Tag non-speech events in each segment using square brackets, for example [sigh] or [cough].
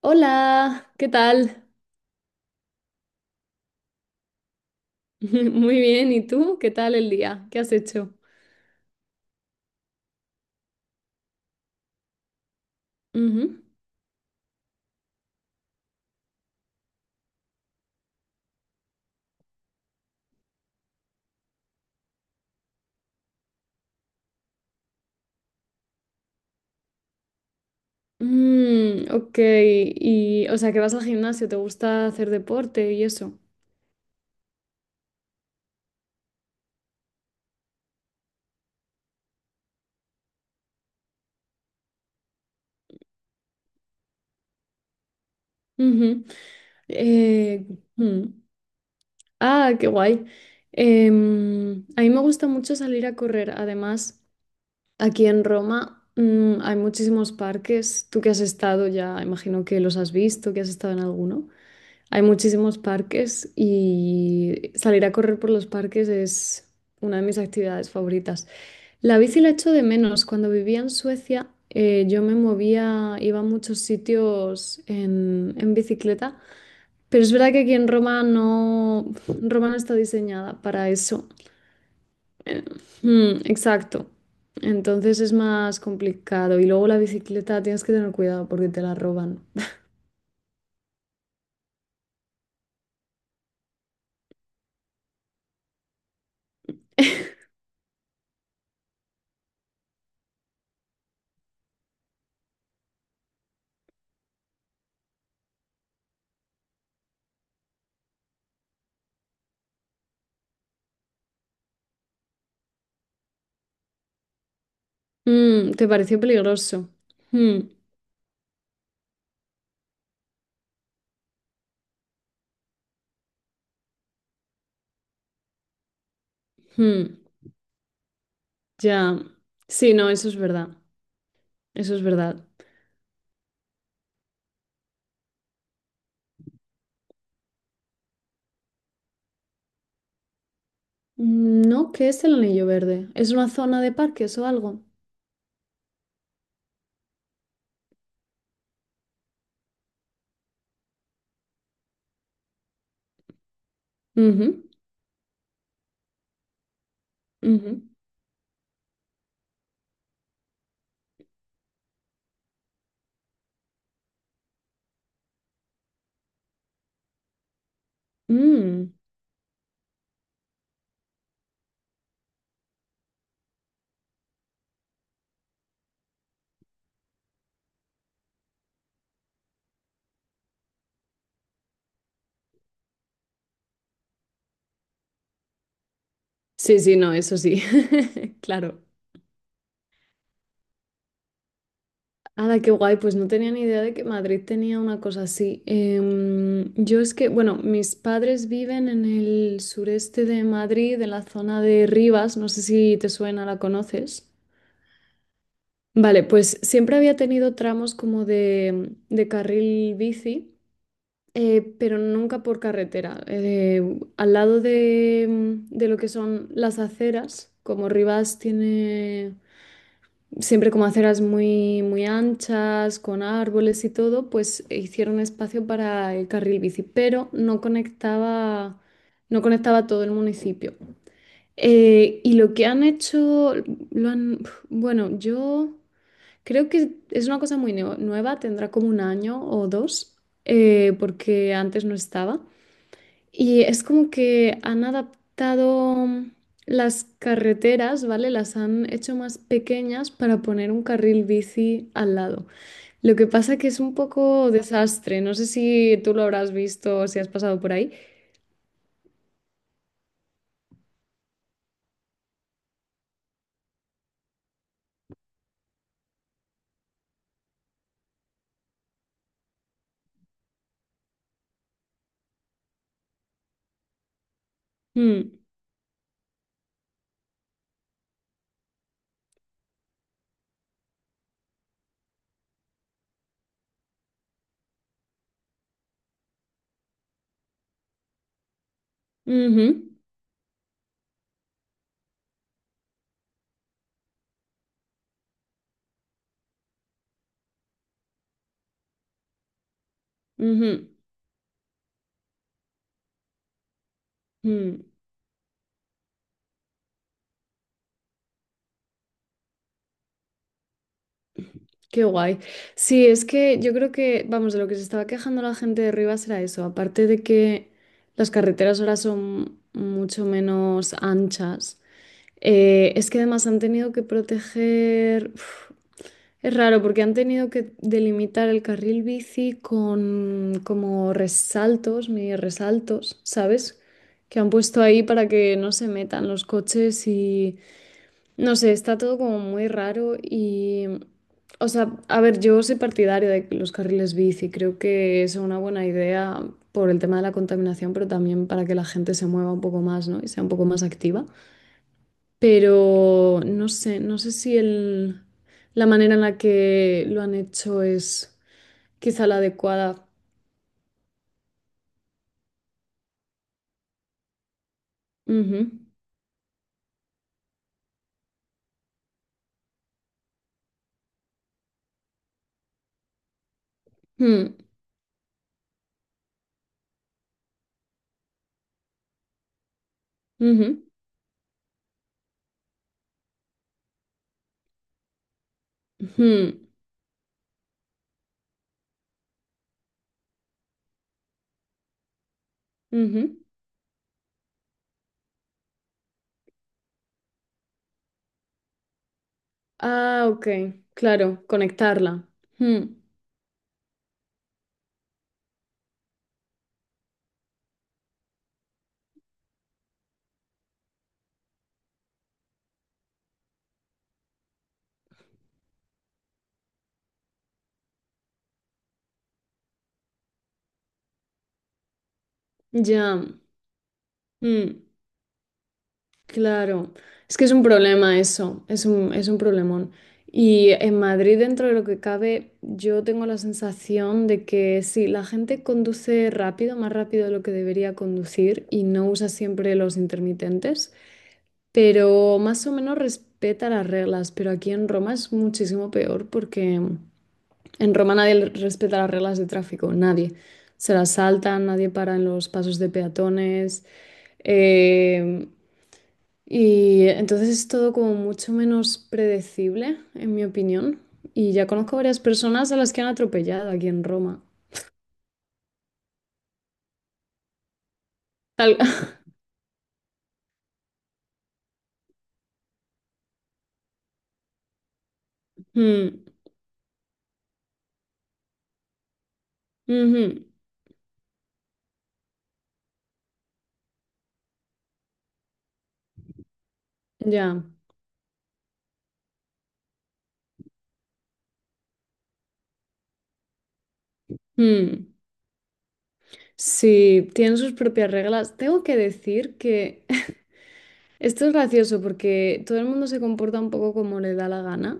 Hola, ¿qué tal? [laughs] Muy bien, ¿y tú? ¿Qué tal el día? ¿Qué has hecho? Ujú. Mm, ok, y o sea que vas al gimnasio, ¿te gusta hacer deporte y eso? Ujú. Eh, mm. Ah, qué guay. A mí me gusta mucho salir a correr. Además, aquí en Roma, hay muchísimos parques. Tú que has estado ya, imagino que los has visto, que has estado en alguno. Hay muchísimos parques y salir a correr por los parques es una de mis actividades favoritas. La bici la echo de menos. Cuando vivía en Suecia, yo me movía, iba a muchos sitios en bicicleta, pero es verdad que aquí en Roma no está diseñada para eso. Eh, exacto. Entonces es más complicado. Y luego la bicicleta tienes que tener cuidado porque te la roban. Mm, ¿te pareció peligroso? Mm, mm. Ya, sí, no, eso es verdad, eso es verdad. Mm, no, ¿qué es el Anillo Verde? ¿Es una zona de parques o algo? Ujú, ujú. Mm. Sí, sí, no, eso sí, [laughs] claro. Ala, qué guay, pues no tenía ni idea de que Madrid tenía una cosa así. Yo es que, bueno, mis padres viven en el sureste de Madrid, en la zona de Rivas, no sé si te suena, la conoces. Vale, pues siempre había tenido tramos como de carril bici. Pero nunca por carretera. Al lado de, de lo que son las aceras, como Rivas tiene siempre como aceras muy, muy anchas, con árboles y todo, pues hicieron espacio para el carril bici, pero no conectaba todo el municipio. Y lo que han hecho, lo han, bueno, yo creo que es una cosa muy nueva, tendrá como un año o dos, porque antes no estaba. Y es como que han adaptado las carreteras, ¿vale? Las han hecho más pequeñas para poner un carril bici al lado. Lo que pasa que es un poco desastre. No sé si tú lo habrás visto o si has pasado por ahí. Mm, ujú, ujú, mm. Qué guay. Sí, es que yo creo que, vamos, de lo que se estaba quejando la gente de Rivas era eso. Aparte de que las carreteras ahora son mucho menos anchas. Es que además han tenido que proteger... Uf, es raro porque han tenido que delimitar el carril bici con como resaltos, mini resaltos, ¿sabes? Que han puesto ahí para que no se metan los coches y... No sé, está todo como muy raro y... O sea, a ver, yo soy partidaria de los carriles bici, creo que es una buena idea por el tema de la contaminación, pero también para que la gente se mueva un poco más, ¿no? Y sea un poco más activa, pero no sé, no sé si la manera en la que lo han hecho es quizá la adecuada. Ujú, mm, ujú, ujú, ujú. Ah, ok, claro, conectarla. Mm. Ya. Mm. Claro, es que es un problema eso, es un problemón. Y en Madrid, dentro de lo que cabe, yo tengo la sensación de que sí, la gente conduce rápido, más rápido de lo que debería conducir y no usa siempre los intermitentes, pero más o menos respeta las reglas. Pero aquí en Roma es muchísimo peor porque en Roma nadie respeta las reglas de tráfico, nadie. Se las saltan, nadie para en los pasos de peatones. Em, y entonces es todo como mucho menos predecible, en mi opinión. Y ya conozco varias personas a las que han atropellado aquí en Roma. Tal- [laughs] Mm, ujú. Ya. Mm. Sí, tienen sus propias reglas. Tengo que decir que [laughs] esto es gracioso porque todo el mundo se comporta un poco como le da la gana.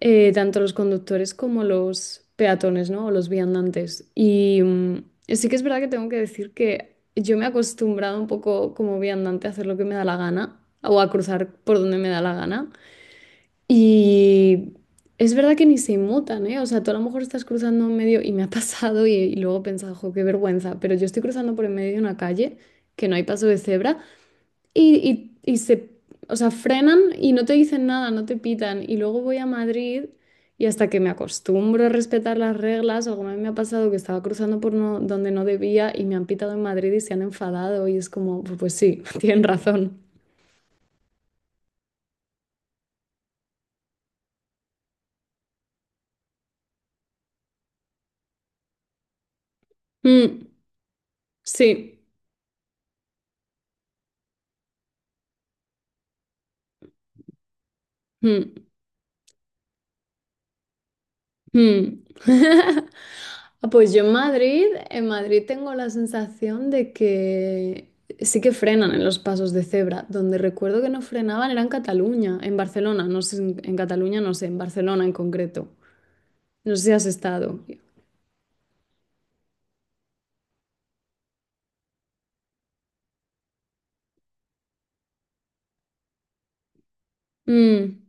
Eh, tanto los conductores como los peatones, ¿no? O los viandantes. Y sí que es verdad que tengo que decir que yo me he acostumbrado un poco como viandante a hacer lo que me da la gana o a cruzar por donde me da la gana. Y es verdad que ni se inmutan, ¿eh? O sea, tú a lo mejor estás cruzando en medio y me ha [laughs] pasado y luego he pensado, jo, qué vergüenza, pero yo estoy cruzando por en medio de una calle que no hay paso de cebra. Y, y se, o sea, frenan y no te dicen nada, no te pitan. Y luego voy a Madrid y hasta que me acostumbro a respetar las reglas, alguna vez me ha pasado que estaba cruzando por donde no debía y me han pitado en Madrid y se han enfadado y es como, pues, pues sí, [laughs] tienen razón. Mm, sí. Mm, mm. Ah, pues yo en Madrid tengo la sensación de que sí que frenan en los pasos de cebra. Donde recuerdo que no frenaban era en Cataluña, en Barcelona, no sé, en Cataluña no sé, en Barcelona en concreto. No sé si has estado. Mm,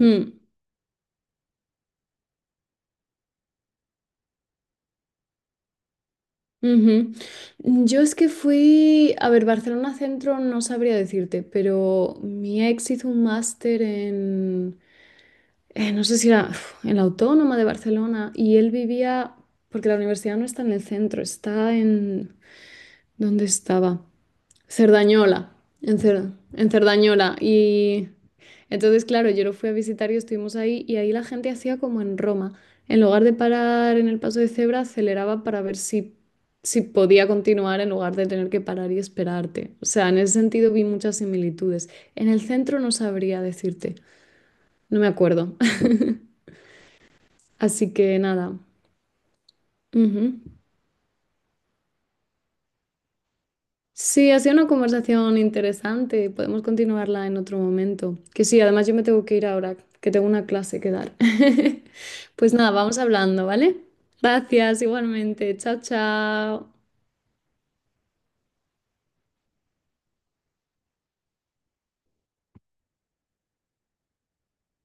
mm, ujú. Yo es que fui, a ver, Barcelona Centro no sabría decirte, pero mi ex hizo un máster en no sé si era uf, en la Autónoma de Barcelona, y él vivía, porque la universidad no está en el centro, está en, ¿dónde estaba? Cerdañola, en, en Cerdañola. Y entonces, claro, yo lo fui a visitar y estuvimos ahí, y ahí la gente hacía como en Roma. En lugar de parar en el paso de cebra, aceleraba para ver si, si podía continuar en lugar de tener que parar y esperarte. O sea, en ese sentido vi muchas similitudes. En el centro no sabría decirte, no me acuerdo. [laughs] Así que nada. Ujú. Sí, ha sido una conversación interesante. Podemos continuarla en otro momento. Que sí, además yo me tengo que ir ahora, que tengo una clase que dar. [laughs] Pues nada, vamos hablando, ¿vale? Gracias, igualmente. Chao, chao.